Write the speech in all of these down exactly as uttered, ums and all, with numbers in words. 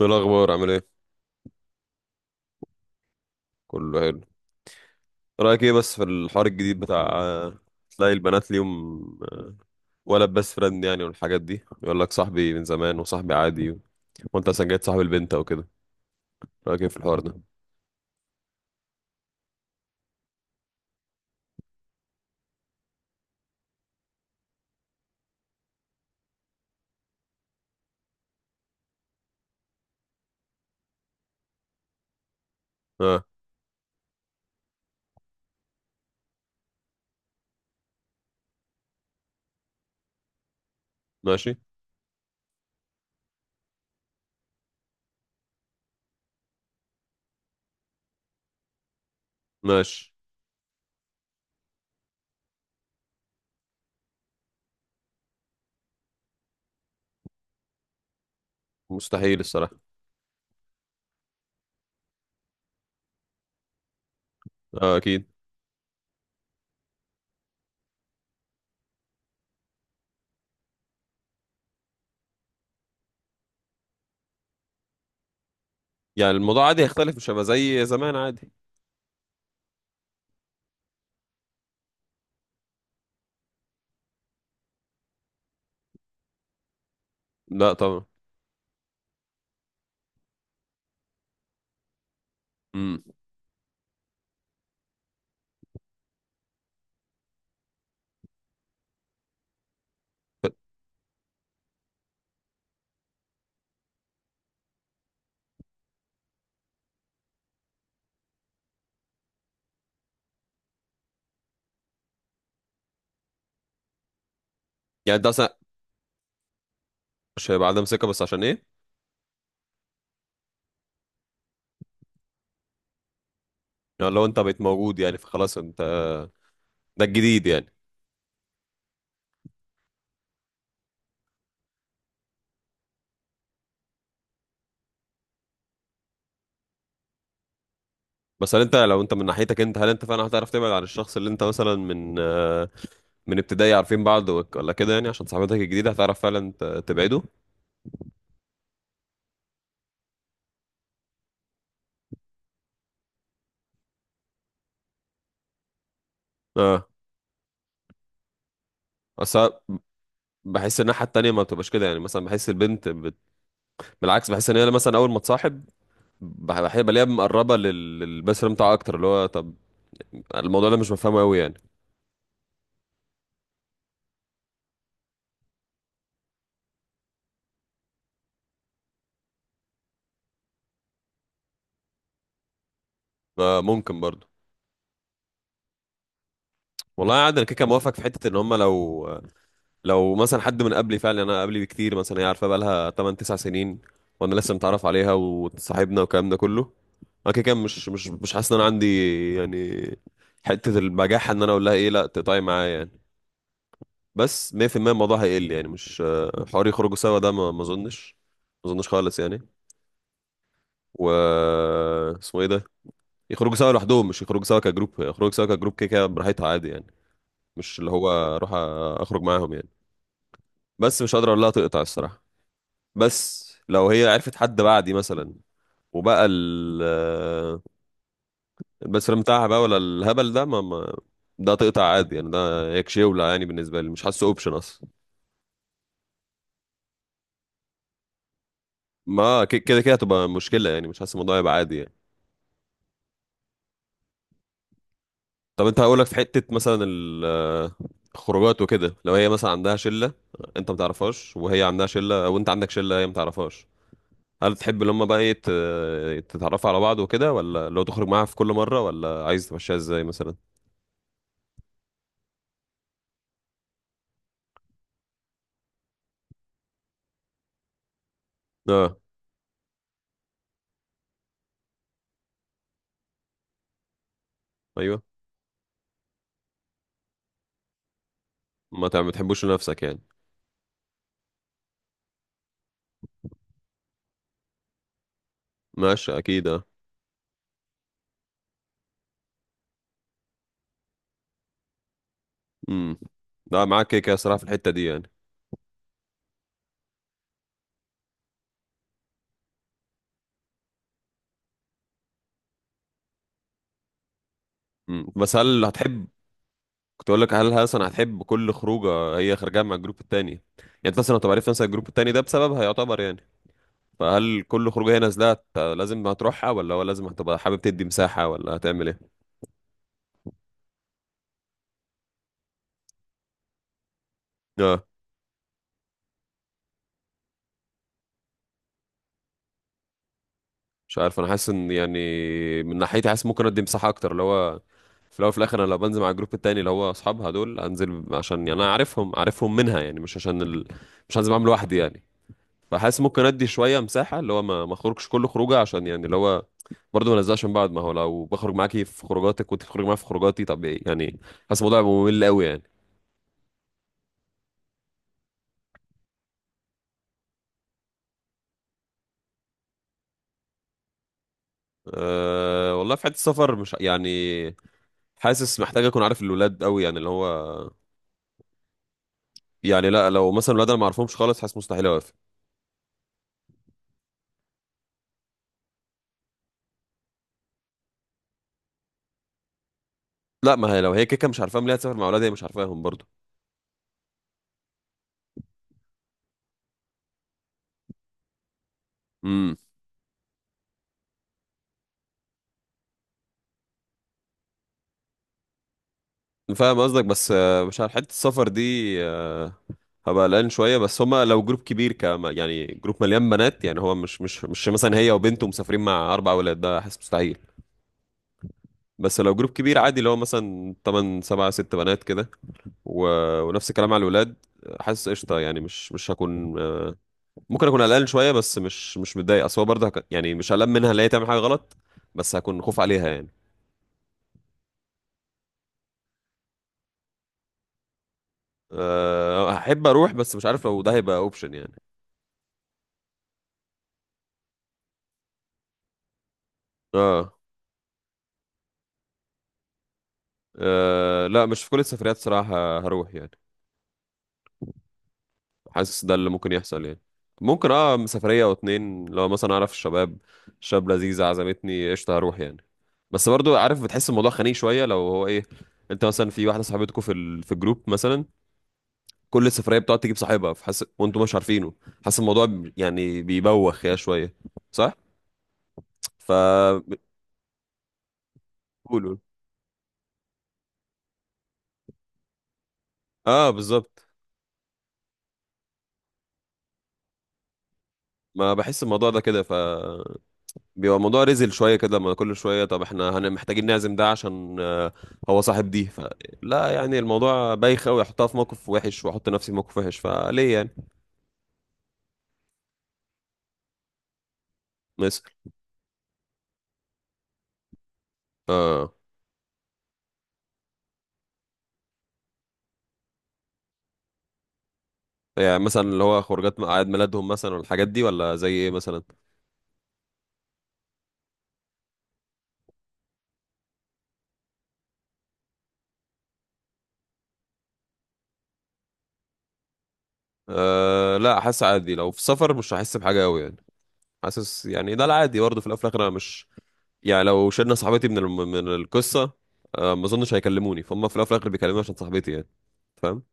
ايه الاخبار؟ عامل ايه؟ كله حلو. رايك ايه بس في الحوار الجديد بتاع آه، تلاقي البنات ليهم آه، ولد بس فرند يعني؟ والحاجات دي يقول لك صاحبي من زمان وصاحبي عادي و- وانت اصلا جاي صاحب البنت او كده. رايك ايه في الحوار ده؟ اه. ماشي. ماشي. مستحيل الصراحه. اه اكيد. يعني الموضوع عادي هيختلف، مش هيبقى زي زمان عادي. لا طبعا. امم. يعني انت اصلا، مش هيبقى عدم ثقه، بس عشان ايه؟ يعني لو انت بقيت موجود يعني فخلاص انت، ده الجديد يعني. بس هل انت لو انت من ناحيتك انت، هل انت فعلا هتعرف تبعد عن الشخص اللي انت مثلا من آه، من ابتدائي عارفين بعض وك- ولا كده؟ يعني عشان صاحبتك الجديده هتعرف فعلا ت- تبعده؟ اه. بس أنا بحس الناحيه التانيه ما بتبقاش كده، يعني مثلا بحس البنت بت... بالعكس، بحس ان هي مثلا اول ما تصاحب بح- بح- بلاقيها مقربه لل... للبيست فريند بتاعها اكتر، اللي هو طب الموضوع ده مش مفهومه قوي يعني. آه ممكن برضه. والله عادي، انا كده كده موافق في حته ان هم لو، لو مثلا حد من قبلي فعلا، انا قبلي بكتير مثلا، هي عارفه بقى لها تمن تسع سنين وانا لسه متعرف عليها وصاحبنا والكلام ده كله، انا كده كده مش مش مش حاسس ان انا عندي يعني حته البجاحه ان انا اقول لها ايه لا تقطعي معايا يعني. بس مية في المية الموضوع هيقل، يعني مش آه، حوار يخرجوا سوا، ده ما ما اظنش، ما اظنش خالص يعني. و اسمه ايه ده، يخرجوا سوا لوحدهم، مش يخرجوا سوا كجروب. يخرجوا سوا كجروب كده كده براحتها عادي يعني، مش اللي هو اروح أ- اخرج معاهم يعني. بس مش قادر اقول لها تقطع الصراحه. بس لو هي عرفت حد بعدي مثلا وبقى ال البسرام بتاعها بقى، ولا الهبل ده ما, ما ده تقطع عادي يعني، ده يكشيولة يعني بالنسبة لي، مش حاسه اوبشن اصلا. ما ك- كده كده هتبقى مشكلة يعني، مش حاسس الموضوع يبقى عادي يعني. طب انت هقولك في حتة مثلا ال- الخروجات وكده، لو هي مثلا عندها شلة انت ما تعرفهاش، وهي عندها شلة وانت عندك شلة هي ما تعرفهاش، هل تحب ان هم بقى ايه ت- تتعرفوا على بعض وكده؟ ولا لو تخرج معاها في كل مرة؟ ولا عايز تمشيها ازاي مثلا؟ اه. ايوه ما تع- ما بتحبوش لنفسك يعني. ماشي اكيد اه. امم. لا معاك كده كده صراحه في الحته دي يعني. امم بس هل هتحب، كنت اقول لك هل اصلا هتحب كل خروجه هي خارجه مع الجروب التاني يعني؟ انت اصلا لو عرفت مثلا الجروب التاني ده بسببها يعتبر يعني، فهل كل خروجه هي نازله هت- لازم هتروحها؟ ولا هو لازم هتبقى حابب تدي مساحه؟ ولا هتعمل ايه؟ آه. مش عارف، انا حاسس ان يعني من ناحيتي، حاسس ممكن ادي مساحه اكتر، اللي هو في الاول وفي الاخر انا لو بنزل مع الجروب التاني اللي هو اصحابها دول، انزل عشان يعني انا عارفهم، عارفهم منها يعني، مش عشان ال... مش هنزل معاهم لوحدي يعني. فحاسس ممكن ادي شويه مساحه، اللي هو ما ما اخرجش كل خروجه عشان يعني اللي هو برضه ما نزلش من بعض، ما هو لو بخرج معاكي في خروجاتك وانت بتخرج معايا في خروجاتي، طب ايه يعني؟ حاسس الموضوع هيبقى ممل قوي يعني. أه والله في حته السفر، مش يعني حاسس محتاج اكون عارف الولاد قوي يعني اللي هو، يعني لا، لو مثلا الولاد انا ما اعرفهمش خالص، حاسس مستحيل اوافق. لا، ما هي لو هي كيكه مش عارفاهم، ليه هتسافر مع اولادها هي مش عارفاهم برضو؟ امم. فاهم قصدك بس آه، مش عارف حته السفر دي، آه، هبقى قلقان شويه. بس هما لو جروب كبير كما يعني، جروب مليان بنات يعني، هو مش مش مش مثلا هي وبنته مسافرين مع اربع اولاد، ده حاسس مستحيل. بس لو جروب كبير عادي اللي هو مثلا ثماني سبعة ستة بنات كده و... ونفس الكلام على الولاد، حاسس قشطه يعني، مش مش هكون آه، ممكن اكون قلقان شويه بس مش مش متضايق، اصل هو برضه هك- يعني مش قلقان منها اللي هي تعمل حاجه غلط، بس هكون خوف عليها يعني. أه هحب اروح بس مش عارف لو ده هيبقى اوبشن يعني. اه. أه لا، مش في كل السفريات صراحة هروح يعني، حاسس ده اللي ممكن يحصل يعني. ممكن اه سفرية او اتنين، لو مثلا اعرف الشباب، شاب لذيذ عزمتني قشطة هروح يعني. بس برضو عارف بتحس الموضوع خنيق شوية لو هو ايه، انت مثلا في واحدة صاحبتكوا في ال... في الجروب مثلا كل السفرية بتقعد تجيب صاحبها فحس وانتوا مش عارفينه، حاسس الموضوع ب- يعني بيبوخ يا شوية. صح؟ ف قولوا. اه بالظبط. ما بحس الموضوع ده كده، ف بيبقى الموضوع رزل شويه كده، لما كل شويه طب احنا هن محتاجين نعزم ده عشان آه، هو صاحب دي، ف لا يعني الموضوع بايخ قوي، احطها في موقف وحش واحط نفسي في موقف وحش فليه يعني؟ مثلا. اه. يعني مثلا اللي هو خروجات اعياد ميلادهم مثلا والحاجات دي، ولا زي ايه مثلا؟ أه لا، حاسس عادي لو في سفر مش هحس بحاجه قوي يعني، حاسس يعني ده العادي برضه، في الاول وفي الاخر انا مش يعني لو شلنا صاحبتي من الم... من القصه، آه، ما اظنش هيكلموني، فهم في الاول وفي الاخر بيكلموني عشان صاحبتي يعني، فاهم.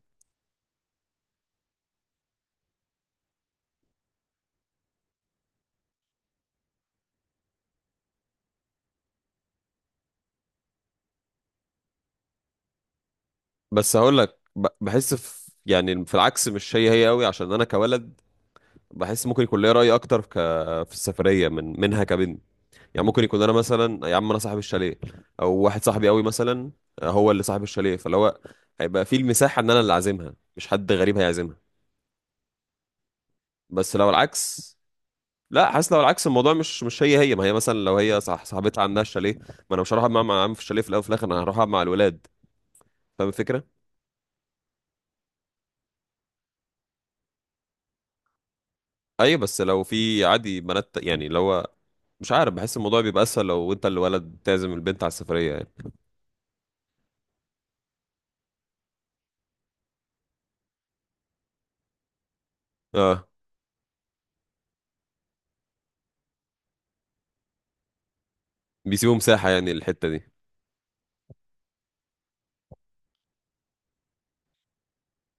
بس هقول لك ب- بحس في يعني في العكس مش هي هي قوي عشان انا كولد، بحس ممكن يكون ليا راي اكتر ك... في السفريه من منها كبنت، يعني ممكن يكون انا مثلا يا عم انا صاحب الشاليه، او واحد صاحبي قوي مثلا هو اللي صاحب الشاليه، فاللي هو هيبقى في المساحه ان انا اللي عازمها مش حد غريب هيعزمها. بس لو العكس، لا حاسس لو العكس الموضوع مش مش هي هي، ما هي مثلا لو هي صح صاحبتها عندها الشاليه، ما انا مش هروح أقعد معاها مع عم في الشاليه، في الاول وفي الاخر انا هروح أقعد مع الولاد، فاهم الفكره. ايوه بس لو في عادي بنات يعني، لو مش عارف، بحس الموضوع بيبقى اسهل لو انت اللي ولد تعزم البنت على السفريه يعني. اه بيسيبوا مساحه يعني الحته دي